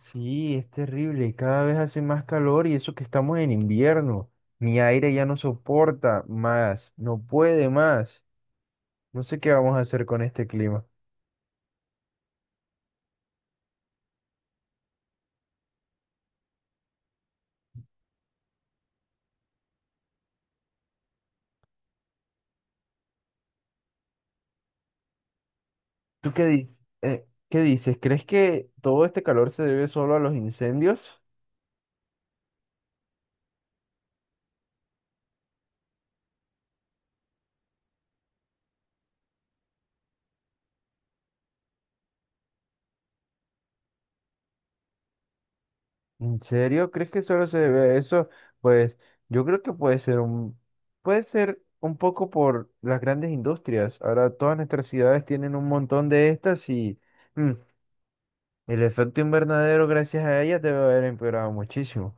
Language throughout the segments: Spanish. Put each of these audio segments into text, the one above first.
Sí, es terrible. Cada vez hace más calor y eso que estamos en invierno. Mi aire ya no soporta más, no puede más. No sé qué vamos a hacer con este clima. ¿Tú qué dices? ¿Qué dices? ¿Crees que todo este calor se debe solo a los incendios? ¿En serio? ¿Crees que solo se debe a eso? Pues yo creo que puede ser un poco por las grandes industrias. Ahora todas nuestras ciudades tienen un montón de estas y mm, el efecto invernadero, gracias a ella, debe haber empeorado muchísimo.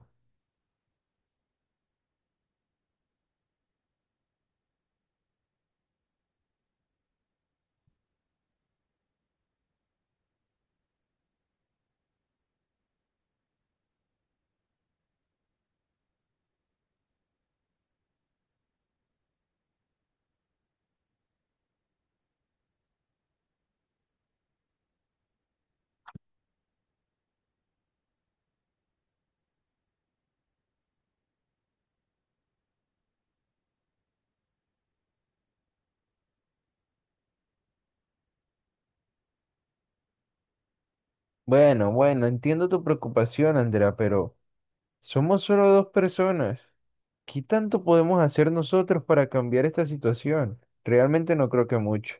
Bueno, entiendo tu preocupación, Andrea, pero somos solo dos personas. ¿Qué tanto podemos hacer nosotros para cambiar esta situación? Realmente no creo que mucho.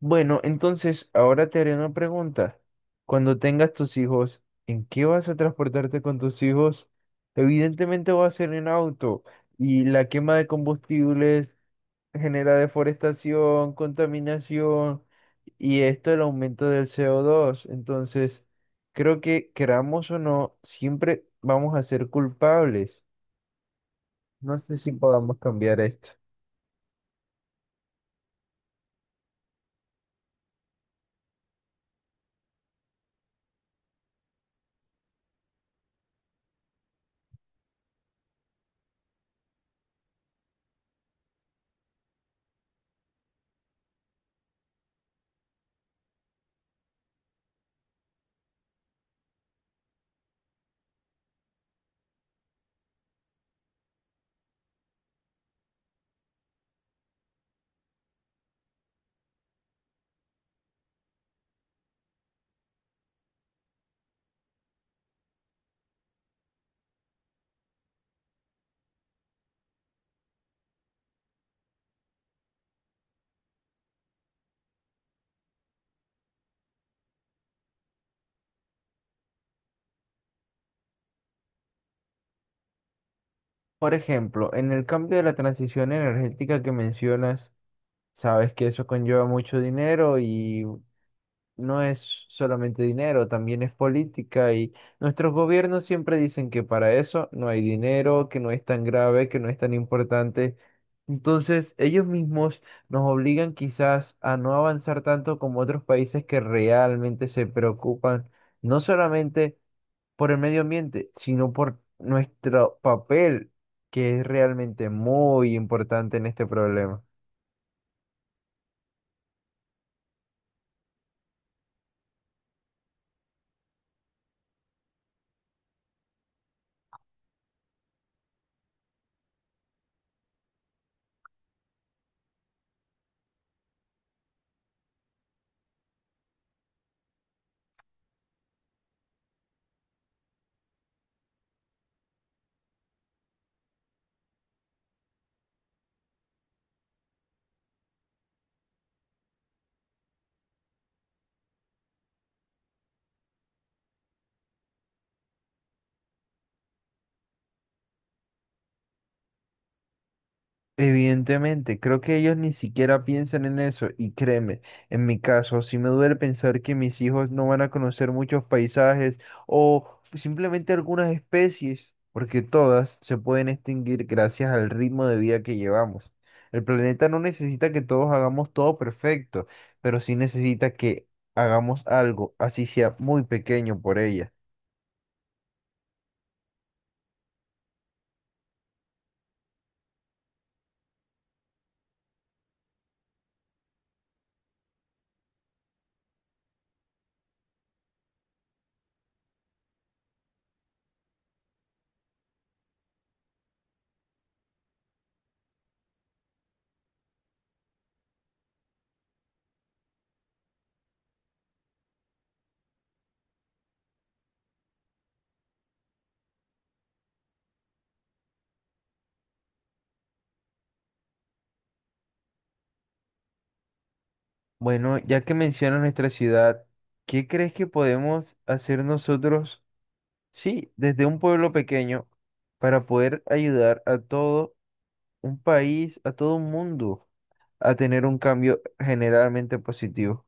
Bueno, entonces ahora te haré una pregunta. Cuando tengas tus hijos, ¿en qué vas a transportarte con tus hijos? Evidentemente va a ser en auto y la quema de combustibles genera deforestación, contaminación y esto el aumento del CO2. Entonces, creo que queramos o no, siempre vamos a ser culpables. No sé si podamos cambiar esto. Por ejemplo, en el cambio de la transición energética que mencionas, sabes que eso conlleva mucho dinero y no es solamente dinero, también es política y nuestros gobiernos siempre dicen que para eso no hay dinero, que no es tan grave, que no es tan importante. Entonces, ellos mismos nos obligan quizás a no avanzar tanto como otros países que realmente se preocupan no solamente por el medio ambiente, sino por nuestro papel, que es realmente muy importante en este problema. Evidentemente, creo que ellos ni siquiera piensan en eso y créeme, en mi caso, sí me duele pensar que mis hijos no van a conocer muchos paisajes o simplemente algunas especies, porque todas se pueden extinguir gracias al ritmo de vida que llevamos. El planeta no necesita que todos hagamos todo perfecto, pero sí necesita que hagamos algo, así sea muy pequeño por ella. Bueno, ya que mencionas nuestra ciudad, ¿qué crees que podemos hacer nosotros? Sí, desde un pueblo pequeño para poder ayudar a todo un país, a todo un mundo a tener un cambio generalmente positivo.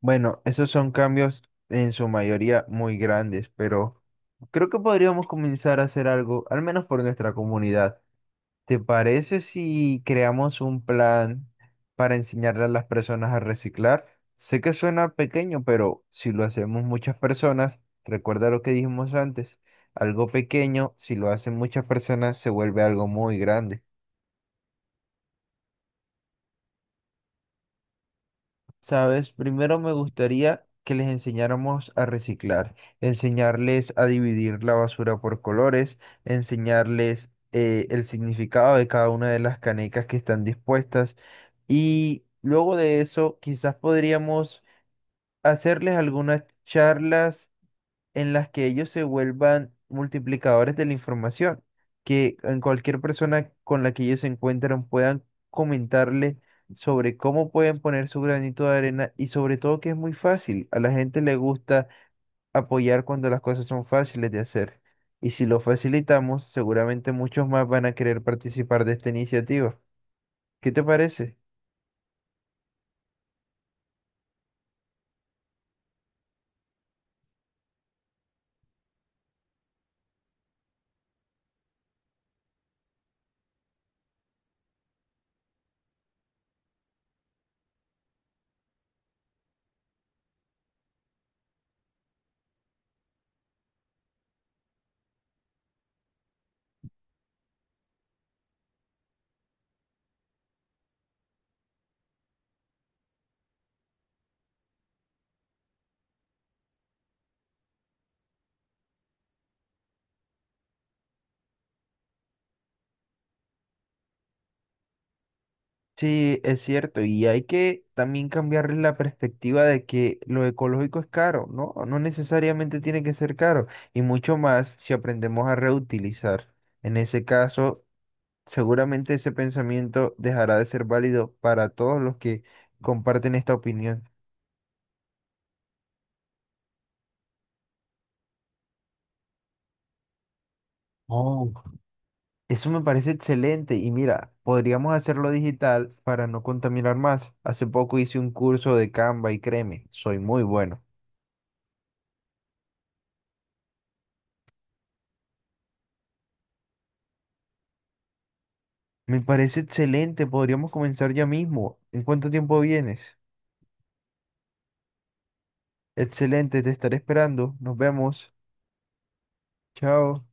Bueno, esos son cambios en su mayoría muy grandes, pero creo que podríamos comenzar a hacer algo, al menos por nuestra comunidad. ¿Te parece si creamos un plan para enseñarle a las personas a reciclar? Sé que suena pequeño, pero si lo hacemos muchas personas, recuerda lo que dijimos antes, algo pequeño, si lo hacen muchas personas, se vuelve algo muy grande. Sabes, primero me gustaría que les enseñáramos a reciclar, enseñarles a dividir la basura por colores, enseñarles el significado de cada una de las canecas que están dispuestas y luego de eso quizás podríamos hacerles algunas charlas en las que ellos se vuelvan multiplicadores de la información, que en cualquier persona con la que ellos se encuentran puedan comentarle sobre cómo pueden poner su granito de arena y sobre todo que es muy fácil. A la gente le gusta apoyar cuando las cosas son fáciles de hacer. Y si lo facilitamos, seguramente muchos más van a querer participar de esta iniciativa. ¿Qué te parece? Sí, es cierto, y hay que también cambiarle la perspectiva de que lo ecológico es caro, ¿no? No necesariamente tiene que ser caro, y mucho más si aprendemos a reutilizar. En ese caso, seguramente ese pensamiento dejará de ser válido para todos los que comparten esta opinión. Oh, eso me parece excelente y mira, podríamos hacerlo digital para no contaminar más. Hace poco hice un curso de Canva y créeme, soy muy bueno. Me parece excelente, podríamos comenzar ya mismo. ¿En cuánto tiempo vienes? Excelente, te estaré esperando. Nos vemos. Chao.